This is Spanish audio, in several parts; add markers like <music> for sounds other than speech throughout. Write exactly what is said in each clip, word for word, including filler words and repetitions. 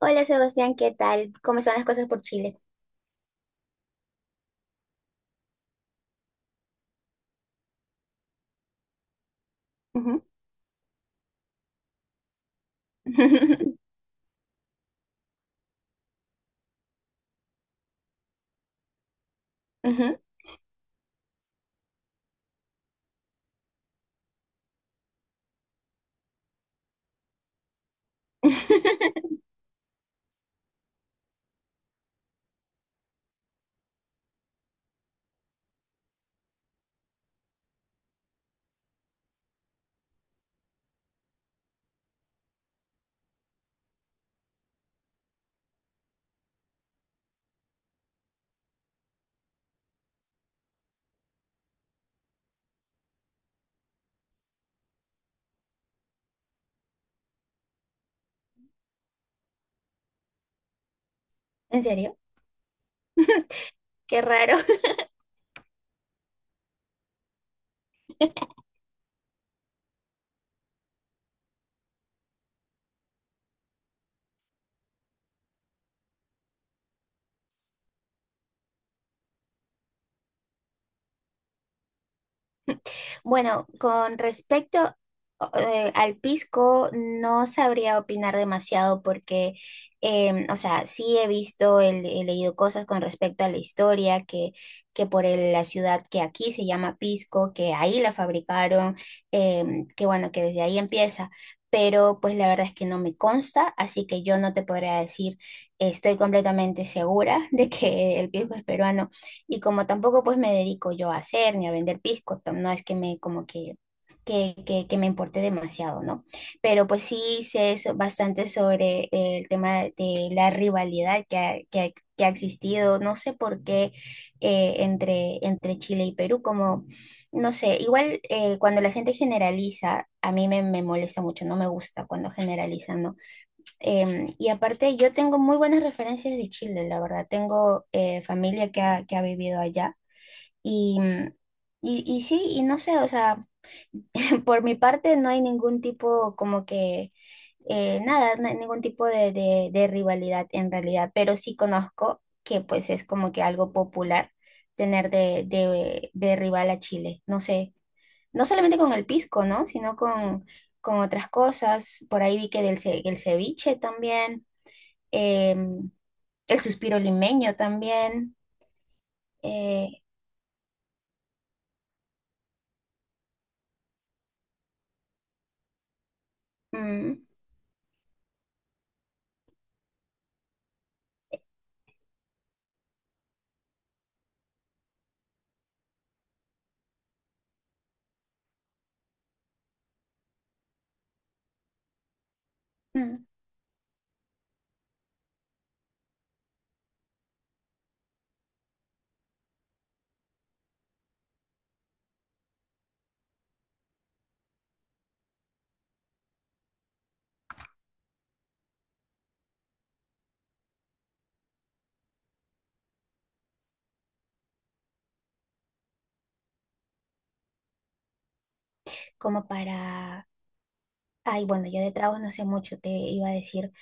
Hola Sebastián, ¿qué tal? ¿Cómo están las cosas por Chile? Ujú. <laughs> Ujú. <laughs> ¿En serio? <laughs> Qué raro. Bueno, con respecto eh, al pisco, no sabría opinar demasiado porque, em, o sea, sí he visto, el- he leído cosas con respecto a la historia, que, que por el- la ciudad que aquí se llama Pisco, que ahí la fabricaron, em, que bueno, que desde ahí empieza. Pero pues la verdad es que no me consta, así que yo no te podría decir, estoy completamente segura de que el pisco es peruano. Y como tampoco pues me dedico yo a hacer ni a vender pisco, tam- no es que me como que, que, que, que me importe demasiado, ¿no? Pero pues sí sé so- bastante sobre el tema de la rivalidad que ha, que ha- que ha existido, no sé por qué, eh, entre, entre Chile y Perú, como, no sé, igual eh, cuando la gente generaliza, a mí me, me molesta mucho, no me gusta cuando generalizan, ¿no? Em, y aparte, yo tengo muy buenas referencias de Chile, la verdad. Tengo eh, familia que ha, que ha vivido allá. Y, mm, y, y sí, y no sé, o sea, <laughs> por mi parte no hay ningún tipo como que, eh, nada, no hay ningún tipo de, de, de rivalidad en realidad, pero sí conozco que pues es como que algo popular tener de, de, de rival a Chile. No sé, no solamente con el pisco, ¿no? Sino con, con otras cosas. Por ahí vi que del, ce- el ceviche también. em, el suspiro limeño también. eh, mm, mm, Como para... Ay, bueno, yo de tragos no sé mucho, te iba a decir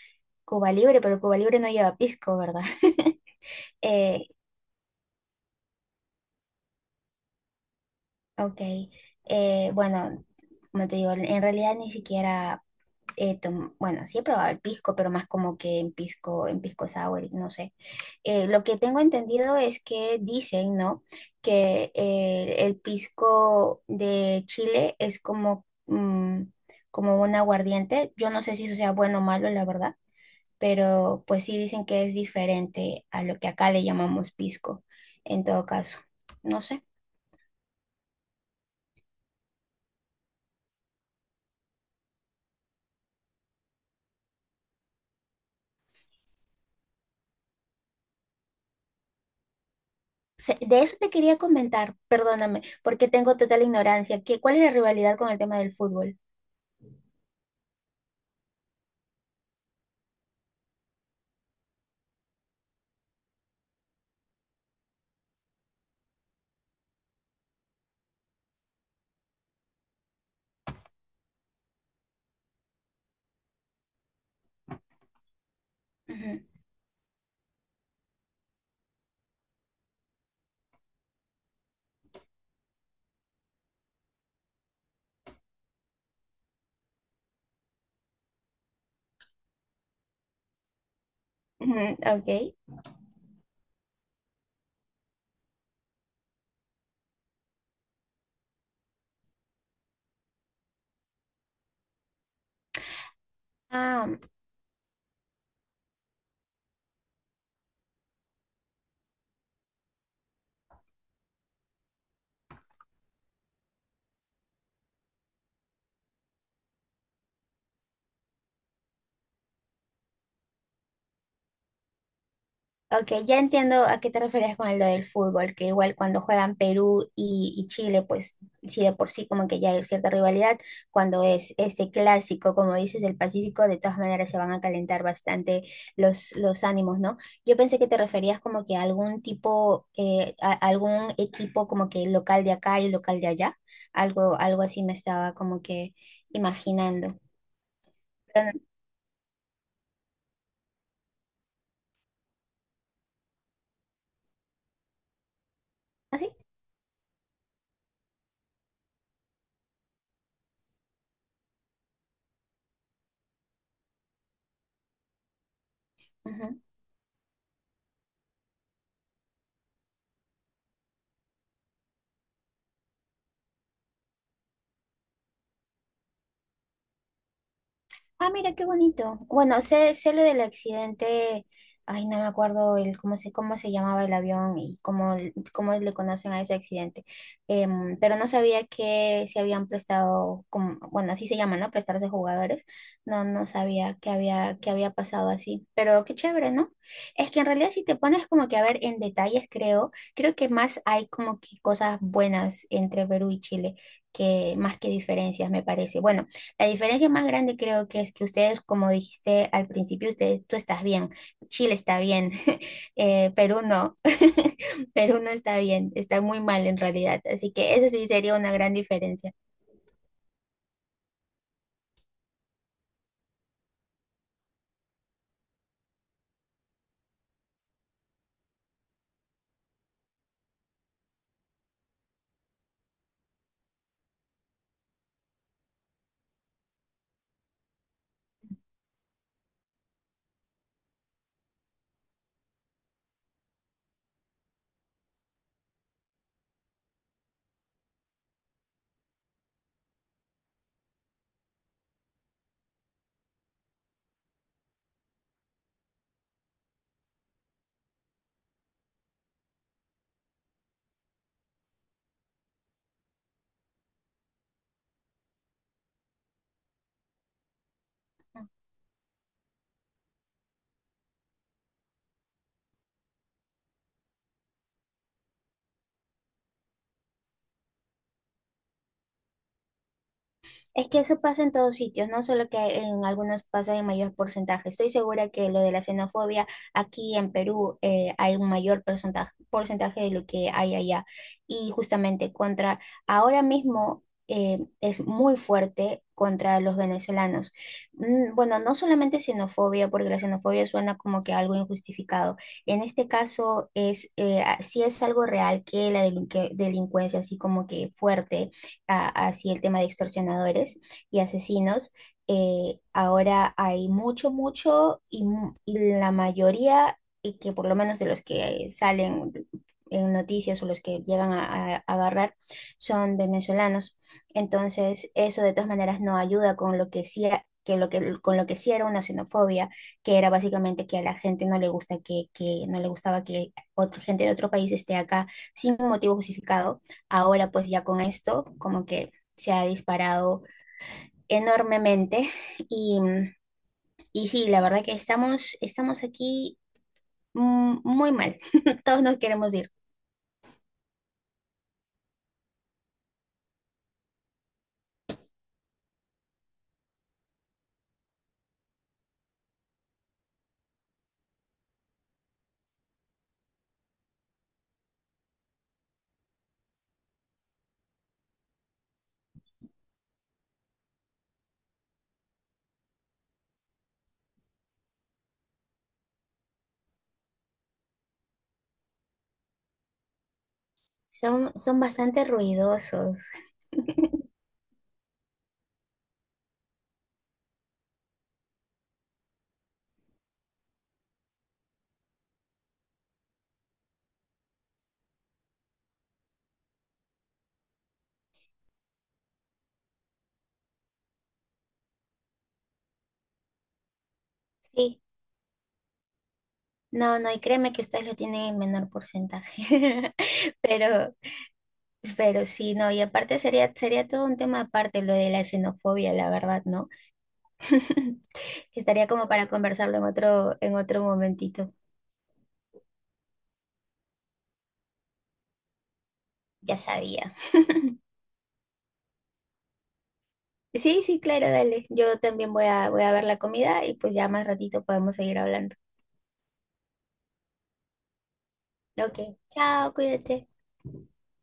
Cuba Libre, pero Cuba Libre no lleva pisco, ¿verdad? <laughs> Eh, ok, eh, bueno, como te digo, en realidad ni siquiera eh, tom- bueno, sí he probado el pisco, pero más como que en pisco, en pisco sour, no sé. Eh, lo que tengo entendido es que dicen, ¿no? Que eh, el pisco de Chile es como, mm, como un aguardiente. Yo no sé si eso sea bueno o malo, la verdad, pero pues sí dicen que es diferente a lo que acá le llamamos pisco, en todo caso. No sé. Se- De eso te quería comentar, perdóname, porque tengo total ignorancia. ¿Qué, cuál es la rivalidad con el tema del fútbol? Ujú. Ujú. Ok. Ah, ok, ya entiendo a qué te referías con lo del fútbol, que igual cuando juegan Perú y, y Chile, pues sí, de por sí como que ya hay cierta rivalidad, cuando es este clásico, como dices, del Pacífico, de todas maneras se van a calentar bastante los, los ánimos, ¿no? Yo pensé que te referías como que a algún tipo, eh, a- a algún equipo como que local de acá y local de allá, algo, algo así me estaba como que imaginando. Pero no... ¿así? Ah, mira qué bonito. Bueno, sé, sé lo del accidente. Ay, no me acuerdo el cómo se, cómo se llamaba el avión y cómo, l- cómo le conocen a ese accidente. Em, pero no sabía que se habían prestado, como, bueno, así se llama, ¿no? Prestarse jugadores. No, no sabía que había, que había pasado así. Pero qué chévere, ¿no? Es que en realidad si te pones como que a ver en detalles, creo, creo que más hay como que cosas buenas entre Perú y Chile, que más que diferencias, me parece. Bueno. La diferencia más grande creo que es que ustedes, como dijiste al principio, ustedes, tú estás bien, Chile está bien, <laughs> eh, Perú no, <laughs> Perú no está bien, está muy mal en realidad. Así que eso sí sería una gran diferencia. Es que eso pasa en todos sitios, no solo que en algunos pasa en mayor porcentaje. Estoy segura que lo de la xenofobia aquí en Perú eh, hay un mayor porcentaje, porcentaje de lo que hay allá. Y justamente contra, ahora mismo eh, es muy fuerte contra los venezolanos. Mm. Bueno, no solamente xenofobia, porque la xenofobia suena como que algo injustificado. En este caso es, eh, a- sí es algo real, que la delinque- delincuencia, así como que fuerte a- hacia el tema de extorsionadores y asesinos. eh, ahora hay mucho, mucho y, mu- y la mayoría, y que por lo menos de los que salen en noticias o los que llegan a, a agarrar, son venezolanos. Entonces, eso de todas maneras no ayuda con lo que sí, a- que lo que, con lo que sí era una xenofobia, que era básicamente que a la gente no le gusta que, que no le gustaba que otra gente de otro país esté acá sin un motivo justificado. Ahora pues ya con esto como que se ha disparado enormemente <laughs> y, y sí, la verdad que estamos, estamos aquí mm, muy mal. <laughs> Todos nos queremos ir. Son, son bastante ruidosos. <laughs> Sí, no, no, y créeme que ustedes lo tienen en menor porcentaje, <laughs> pero Pero sí, no, y aparte sería, sería todo un tema aparte lo de la xenofobia, la verdad, ¿no? <laughs> Estaría como para conversarlo en otro, en otro momentito, ya sabía. Sí, sí, claro, dale. Yo también voy a, voy a ver la comida y pues ya más ratito podemos seguir hablando. Ok, chao, cuídate.